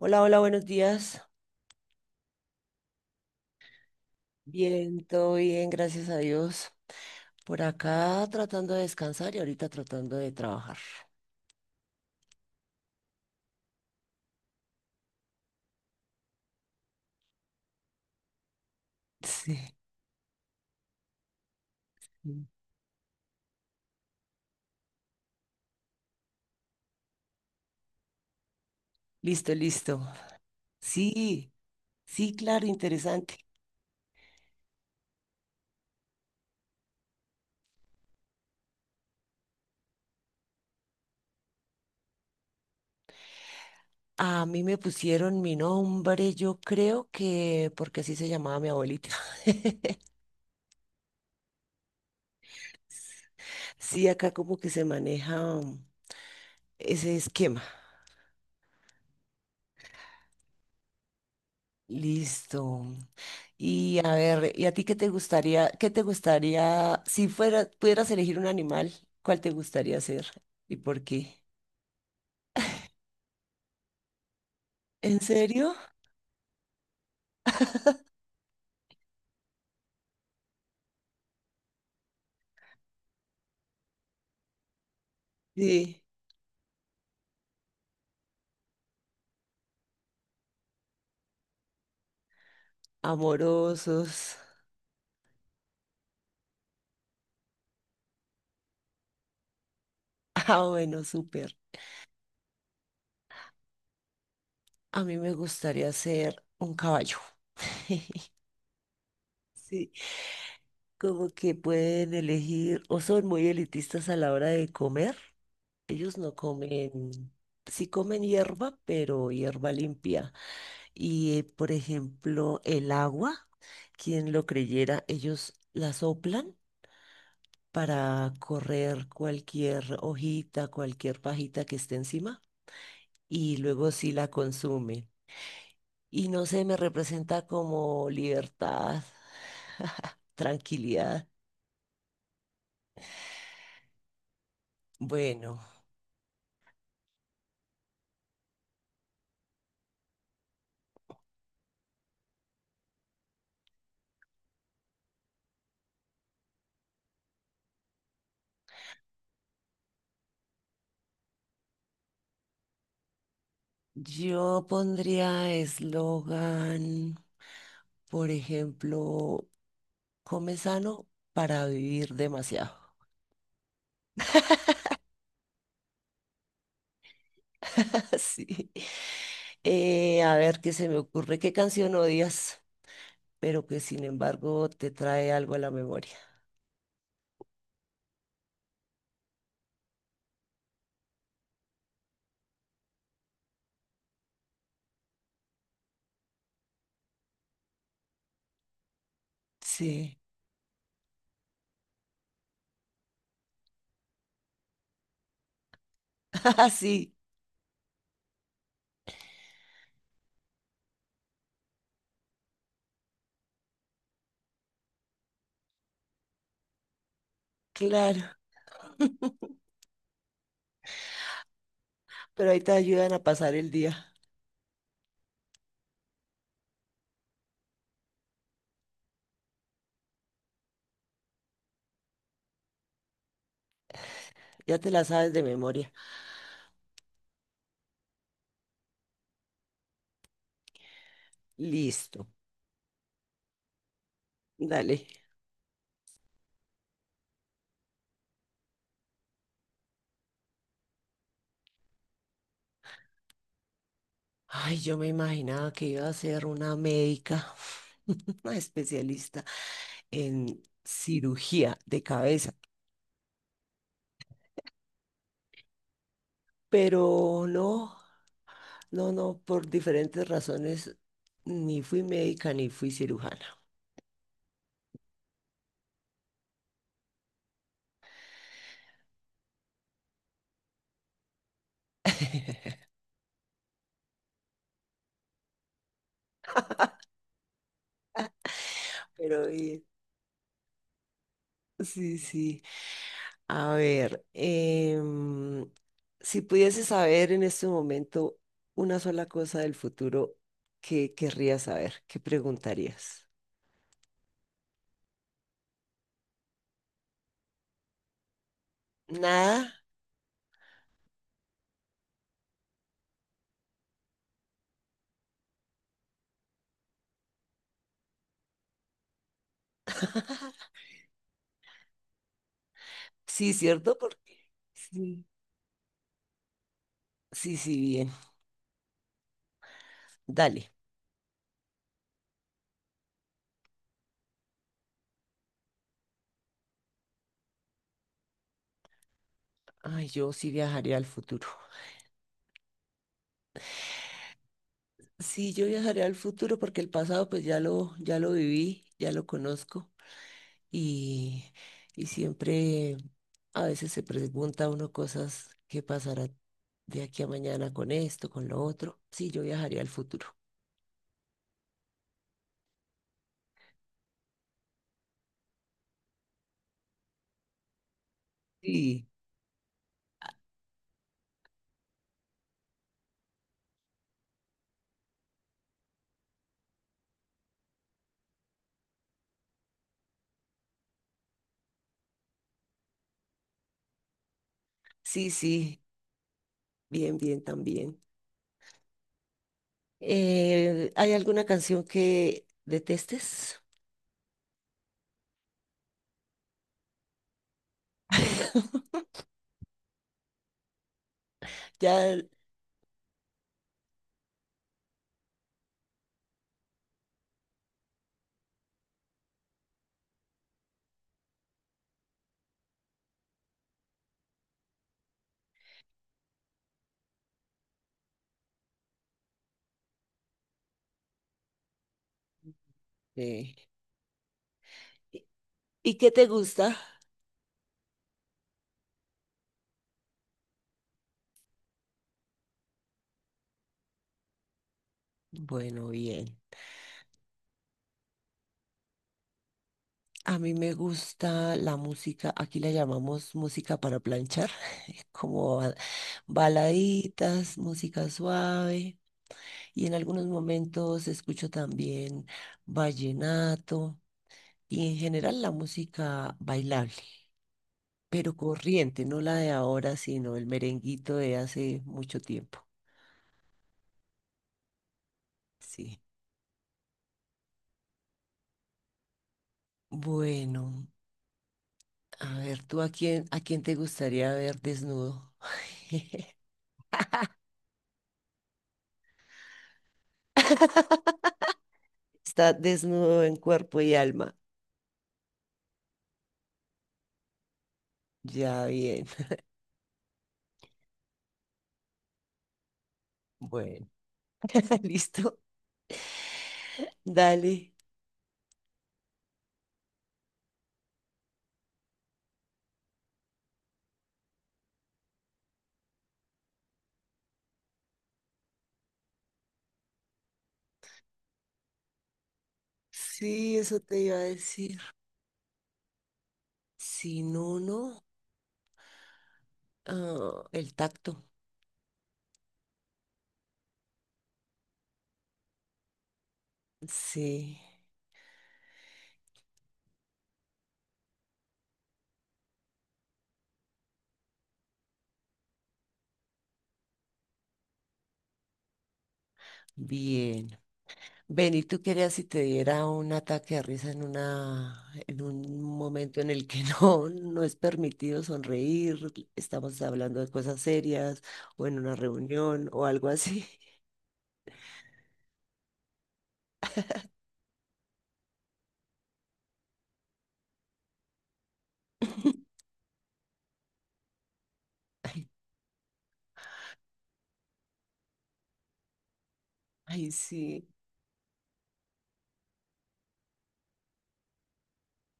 Hola, hola, buenos días. Bien, todo bien, gracias a Dios. Por acá tratando de descansar y ahorita tratando de trabajar. Sí. Listo, listo. Sí, sí, claro, interesante. A mí me pusieron mi nombre, yo creo que porque así se llamaba mi abuelita. Sí, acá como que se maneja ese esquema. Listo. Y a ver, ¿y a ti qué te gustaría, si fuera, pudieras elegir un animal, cuál te gustaría ser? ¿Y por qué? ¿En serio? Sí, amorosos. Ah, bueno, súper. A mí me gustaría ser un caballo. Sí, como que pueden elegir o son muy elitistas a la hora de comer. Ellos no comen, sí comen hierba, pero hierba limpia. Y, por ejemplo, el agua, quien lo creyera, ellos la soplan para correr cualquier hojita, cualquier pajita que esté encima y luego sí la consume. Y no sé, me representa como libertad, tranquilidad. Bueno, yo pondría eslogan, por ejemplo, come sano para vivir demasiado. Sí. A ver qué se me ocurre, qué canción odias, pero que sin embargo te trae algo a la memoria. Sí, ah, sí, claro. Pero ahí te ayudan a pasar el día. Ya te la sabes de memoria. Listo, dale. Ay, yo me imaginaba que iba a ser una médica, una especialista en cirugía de cabeza, pero no, no, no, por diferentes razones, ni fui médica ni fui cirujana. Pero bien, sí, sí. A ver, si pudiese saber en este momento una sola cosa del futuro, ¿qué querrías saber? ¿Qué preguntarías? Nada. Sí, ¿cierto? Porque sí. Sí, sí, bien. Dale. Ay, yo sí viajaría al futuro. Sí, yo viajaría al futuro porque el pasado pues ya lo viví, ya lo conozco. Y, y siempre a veces se pregunta uno cosas que pasará de aquí a mañana con esto, con lo otro. Sí, yo viajaría al futuro. Sí, sí, sí, bien, bien también. ¿Hay alguna canción que detestes? Ya, eh, ¿y qué te gusta? Bueno, bien. A mí me gusta la música, aquí la llamamos música para planchar. como ba- baladitas, música suave y en algunos momentos escucho también vallenato y en general la música bailable, pero corriente, no la de ahora, sino el merenguito de hace mucho tiempo. Sí. Bueno, a ver, ¿tú a quién te gustaría ver desnudo? Está desnudo en cuerpo y alma. Ya bien. Bueno, listo. Dale. Sí, eso te iba a decir. Si no, no. Ah, el tacto. Sí, bien. Ven, ¿y tú querías si te diera un ataque de risa en una, en un momento en el que no, no es permitido sonreír, estamos hablando de cosas serias, o en una reunión, o algo así? Ay, ay, sí,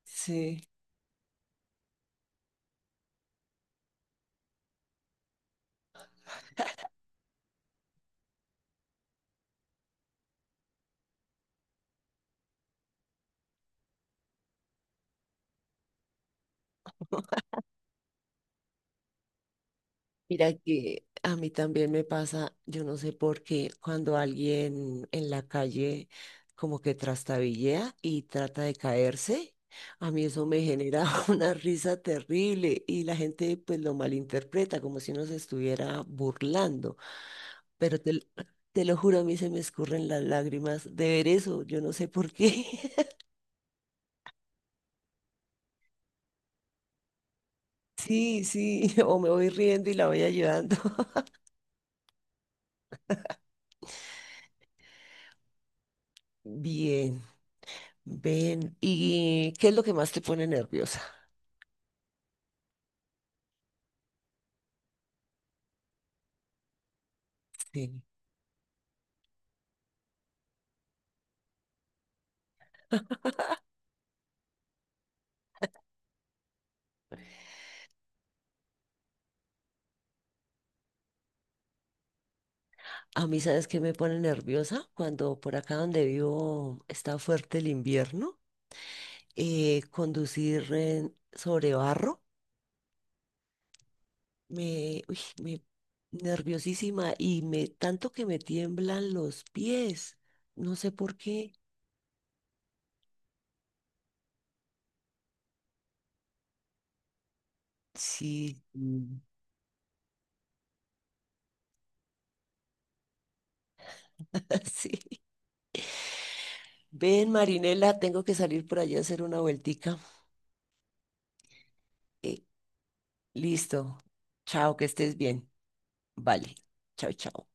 sí. Mira que a mí también me pasa, yo no sé por qué, cuando alguien en la calle como que trastabillea y trata de caerse, a mí eso me genera una risa terrible y la gente pues lo malinterpreta como si uno se estuviera burlando. Pero te, l- te lo juro, a mí se me escurren las lágrimas de ver eso, yo no sé por qué. Sí, sí, o me voy riendo y la voy ayudando. Bien. Ven, ¿y qué es lo que más te pone nerviosa? Sí. A mí, ¿sabes qué me pone nerviosa? Cuando por acá donde vivo está fuerte el invierno, conducir en- sobre barro, me, uy, me nerviosísima y me tanto que me tiemblan los pies. No sé por qué. Sí. Mm. Sí. Ven, Marinela, tengo que salir por allá a hacer una vueltica. Eh, listo. Chao, que estés bien. Vale. Chao, chao.